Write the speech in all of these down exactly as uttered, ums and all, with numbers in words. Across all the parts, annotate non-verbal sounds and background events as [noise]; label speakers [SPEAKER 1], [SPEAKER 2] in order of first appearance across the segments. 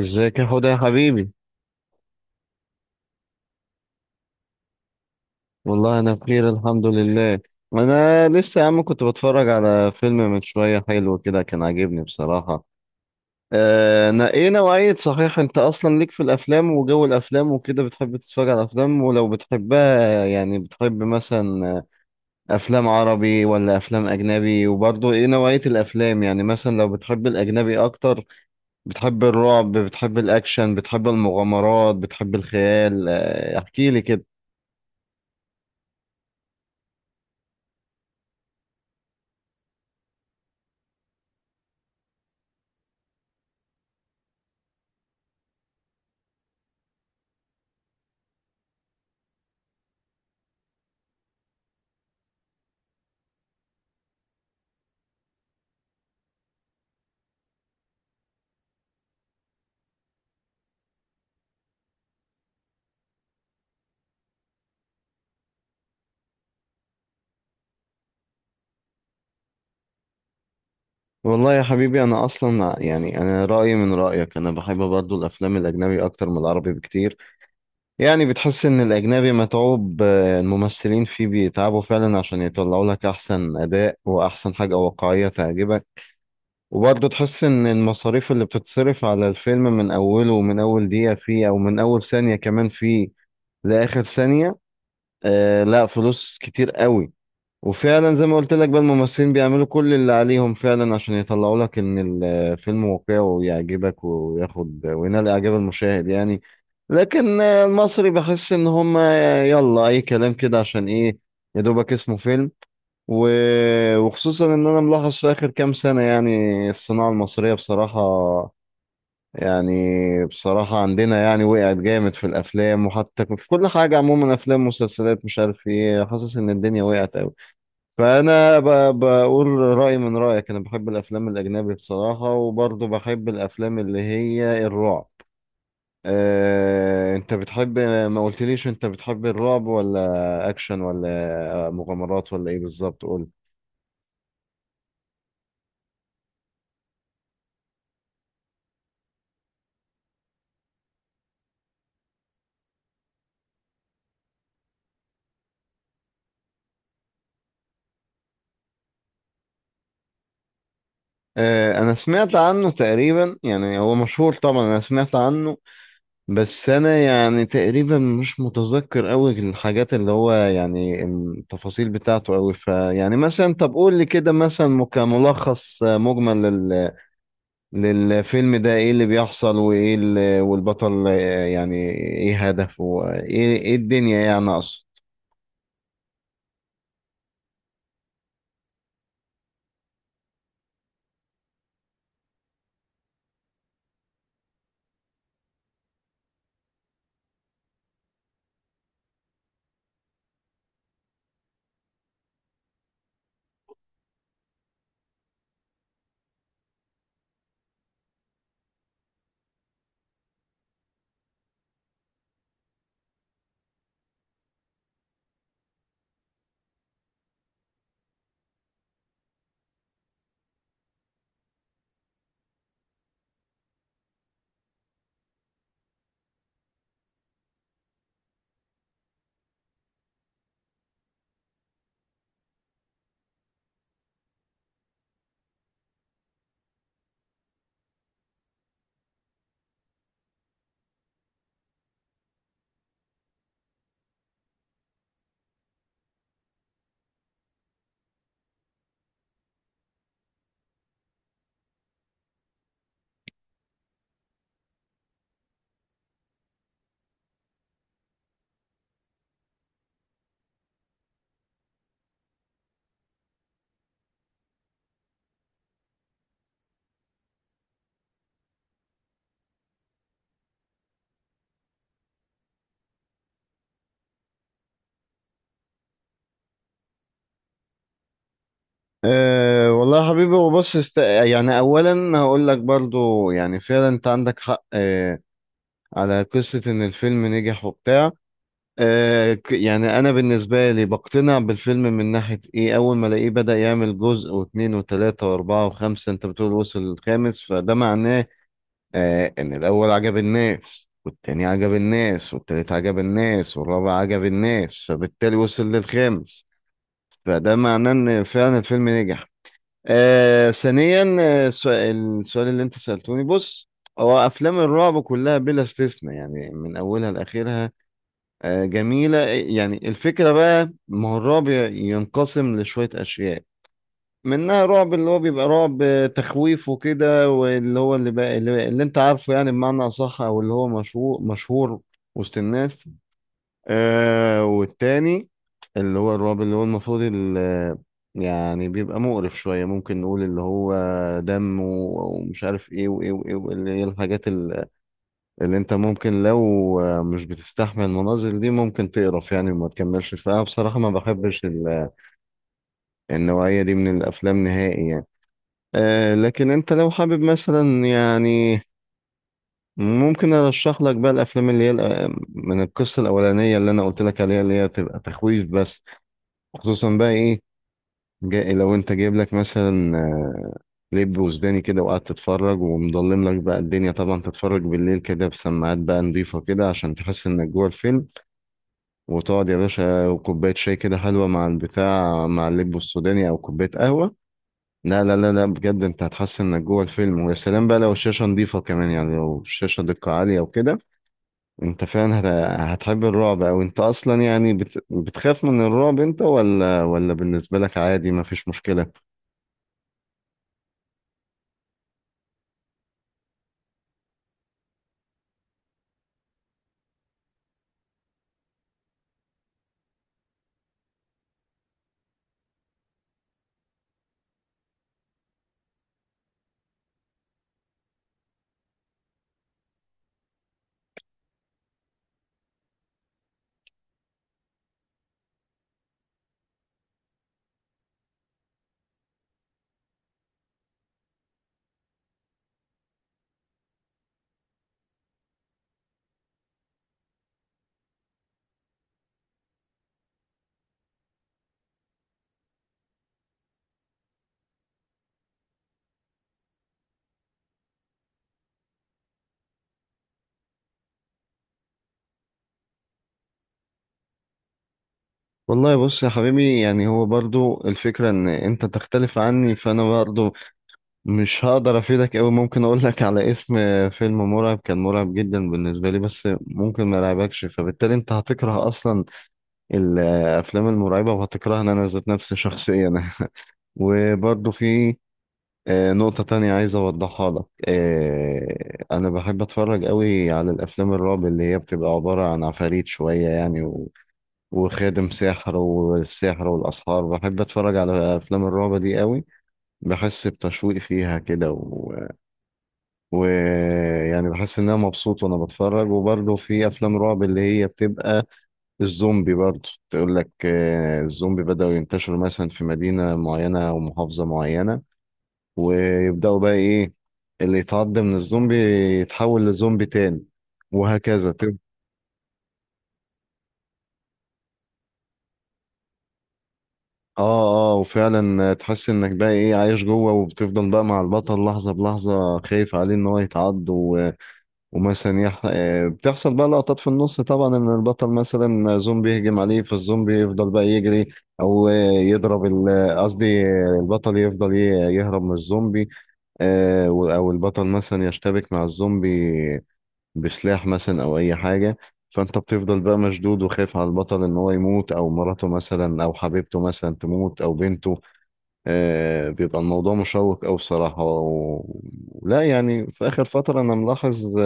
[SPEAKER 1] ازيك يا حوده يا حبيبي. والله انا بخير الحمد لله. انا لسه يا عم كنت بتفرج على فيلم من شويه، حلو كده كان عاجبني بصراحه. آه نا- ايه نوعيه صحيح انت اصلا ليك في الافلام وجو الافلام وكده، بتحب تتفرج على الافلام؟ ولو بتحبها يعني بتحب مثلا افلام عربي ولا افلام اجنبي؟ وبرضه ايه نوعيه الافلام؟ يعني مثلا لو بتحب الاجنبي اكتر، بتحب الرعب؟ بتحب الاكشن؟ بتحب المغامرات؟ بتحب الخيال؟ آه احكي لي كده. والله يا حبيبي انا اصلا يعني انا رايي من رايك، انا بحب برضو الافلام الاجنبي اكتر من العربي بكتير. يعني بتحس ان الاجنبي متعوب، آه، الممثلين فيه بيتعبوا فعلا عشان يطلعوا لك احسن اداء واحسن حاجه واقعيه تعجبك. وبرضو تحس ان المصاريف اللي بتتصرف على الفيلم من اوله ومن اول دقيقه فيه او من اول ثانيه كمان فيه لاخر ثانيه، آه لا، فلوس كتير قوي. وفعلا زي ما قلت لك بقى، الممثلين بيعملوا كل اللي عليهم فعلا عشان يطلعوا لك ان الفيلم واقعي ويعجبك وياخد وينال اعجاب المشاهد يعني. لكن آه، المصري بحس ان هم يلا اي كلام كده، عشان ايه؟ يا دوبك اسمه فيلم. و... وخصوصا ان انا ملاحظ في اخر كام سنة يعني الصناعة المصرية بصراحة، يعني بصراحة عندنا يعني وقعت جامد في الافلام، وحتى في كل حاجة عموما، افلام، مسلسلات، مش عارف ايه، حاسس ان الدنيا وقعت قوي. فانا ب- بقول رايي من رايك، انا بحب الافلام الاجنبي بصراحه، وبرضه بحب الافلام اللي هي الرعب. أه انت بتحب، ما قلتليش انت بتحب الرعب ولا اكشن ولا مغامرات ولا ايه بالظبط؟ قول. أه انا سمعت عنه تقريبا، يعني هو مشهور طبعا انا سمعت عنه. بس انا يعني تقريبا مش متذكر قوي الحاجات اللي هو يعني التفاصيل بتاعته قوي. فيعني مثلا طب قول لي كده مثلا كملخص مجمل للفيلم ده، ايه اللي بيحصل وايه اللي والبطل آه، يعني ايه هدفه وايه ايه الدنيا، يعني اقصد. أه والله يا حبيبي وبص است... يعني اولا هقول لك برضو يعني فعلا انت عندك حق أه على قصة ان الفيلم نجح وبتاع. أه ك- يعني انا بالنسبة لي بقتنع بالفيلم من ناحية ايه، اول ما الاقيه بدأ يعمل جزء واثنين وثلاثة واربعة وخمسة، انت بتقول وصل الخامس، فده معناه آه ان الاول عجب الناس والتاني عجب الناس والتالت عجب الناس والرابع عجب الناس، فبالتالي وصل للخامس. فده معناه ان فعلا الفيلم نجح. آه ثانيا، آه، السؤال السؤال اللي انت سألتوني، بص، هو افلام الرعب كلها بلا استثناء يعني من اولها لاخرها آه جميلة. يعني الفكرة بقى، ما هو الرعب ينقسم لشوية اشياء، منها رعب اللي هو بيبقى رعب آه، تخويف وكده، واللي هو اللي, بقى اللي, اللي انت عارفه يعني بمعنى أصح، او اللي هو مشهور مشهور وسط الناس. آه والتاني اللي هو الرعب اللي هو المفروض ال- يعني بيبقى مقرف شوية، ممكن نقول اللي هو دم و- ومش عارف ايه وايه وايه، واللي هي الحاجات ال- اللي انت ممكن لو مش بتستحمل المناظر دي ممكن تقرف يعني وما تكملش. فأنا بصراحة ما بحبش ال- النوعية دي من الأفلام نهائي يعني. آه لكن انت لو حابب مثلا يعني ممكن ارشح لك بقى الافلام اللي هي الأ- من القصه الاولانيه اللي انا قلت لك عليها، اللي هي بتبقى تخويف بس. خصوصا بقى ايه، جاي لو انت جايب لك مثلا آه، لب وسوداني كده وقاعد تتفرج، ومضلم لك بقى الدنيا طبعا، تتفرج بالليل كده بسماعات بقى نضيفه كده عشان تحس انك جوه الفيلم، وتقعد يا باشا وكوبايه شاي كده حلوه مع البتاع مع اللب السوداني او كوبايه قهوه. لا لا لا لا بجد، انت هتحس انك جوه الفيلم. ويا سلام بقى لو الشاشه نظيفه كمان، يعني لو الشاشه دقه عاليه وكده، انت فعلا هت- هتحب الرعب. او انت اصلا يعني بت... بتخاف من الرعب انت ولا، ولا بالنسبه لك عادي ما فيش مشكله؟ والله بص يا حبيبي، يعني هو برضو الفكره ان انت تختلف عني، فانا برضو مش هقدر افيدك قوي. ممكن اقول لك على اسم فيلم مرعب، كان مرعب جدا بالنسبه لي، بس ممكن ما يرعبكش، فبالتالي انت هتكره اصلا الافلام المرعبه وهتكرهنا انا ذات نفسي شخصيا [laughs] وبرضه في آه، نقطه تانية عايز اوضحها لك، آه، انا بحب اتفرج قوي على الافلام الرعب اللي هي بتبقى عباره عن عفاريت شويه يعني، و- وخادم ساحر والسحر والاسحار، بحب اتفرج على افلام الرعب دي قوي. بحس بتشويق فيها كده ويعني و... و- يعني بحس ان انا مبسوط وانا بتفرج. وبرضه في افلام رعب اللي هي بتبقى الزومبي، برضه تقول لك آه، الزومبي بدأوا ينتشروا مثلا في مدينة معينة أو محافظة معينة، ويبدأوا بقى إيه، اللي يتعض من الزومبي يتحول لزومبي تاني وهكذا تب- اه اه وفعلا تحس انك بقى ايه عايش جوه، وبتفضل بقى مع البطل لحظة بلحظة خايف عليه ان هو يتعض. ومثلا يح... آه، بتحصل بقى لقطات في النص طبعا ان البطل مثلا زومبي يهجم عليه، فالزومبي يفضل بقى يجري او آه، يضرب ال- قصدي آه، البطل يفضل ي- يهرب من الزومبي. آه، و- او البطل مثلا يشتبك مع الزومبي بسلاح مثلا او اي حاجه، فانت بتفضل بقى مشدود وخايف على البطل ان هو يموت، او مراته مثلا او حبيبته مثلا تموت، او بنته. آه، بيبقى الموضوع مشوق او بصراحه و... لا يعني في اخر فتره انا ملاحظ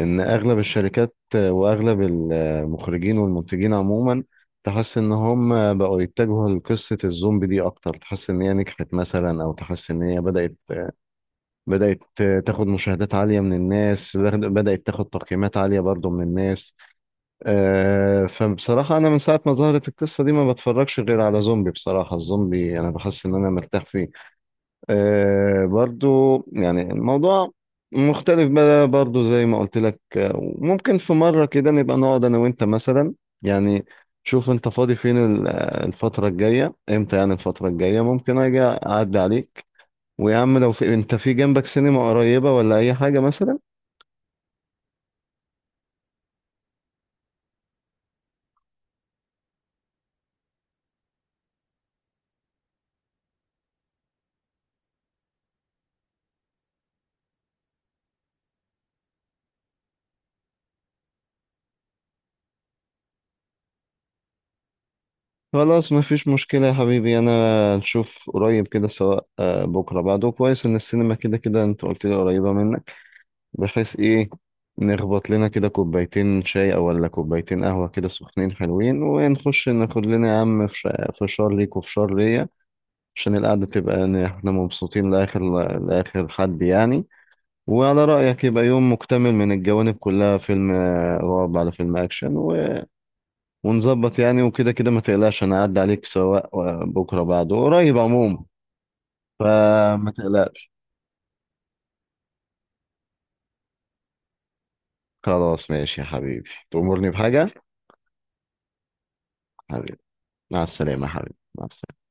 [SPEAKER 1] ان اغلب الشركات واغلب المخرجين والمنتجين عموما، تحس ان هم بقوا يتجهوا لقصة الزومبي دي اكتر، تحس ان هي نجحت مثلا، او تحس ان هي بدأت بدأت تاخد مشاهدات عالية من الناس، بدأت تاخد تقييمات عالية برضو من الناس. آه، فبصراحة انا من ساعة ما ظهرت القصة دي ما بتفرجش غير على زومبي. بصراحة الزومبي انا بحس ان انا مرتاح فيه آه برضو. يعني الموضوع مختلف بقى برضو زي ما قلت لك، آه، وممكن في مرة كده نبقى نقعد أنا وأنت مثلا، يعني شوف أنت فاضي فين ال- آه، الفترة الجاية إمتى، يعني الفترة الجاية ممكن أجي أعدي عليك، ويا عم لو في أنت في جنبك سينما قريبة ولا أي حاجة مثلا. خلاص مفيش مشكلة يا حبيبي، أنا نشوف قريب كده، سواء آه، بكرة بعده كويس، إن السينما كده كده أنت قلت لي قريبة منك، بحيث ايه نخبط لنا كده كوبايتين شاي او ولا كوبايتين قهوة كده سخنين حلوين، ونخش ناخد لنا يا عم فش- فشار ليك وفشار ليا عشان القعدة تبقى إن احنا مبسوطين لآخر لآخر حد يعني. وعلى رأيك يبقى يوم مكتمل من الجوانب كلها، فيلم آه، رعب على فيلم أكشن و... ونظبط يعني. وكده كده ما تقلقش أنا أعدي عليك، سواء آه، بكرة بعده قريب عموما، فما تقلقش. خلاص ماشي يا حبيبي، تأمرني بحاجة. حبيبي، مع السلامة يا حبيبي، مع السلامة.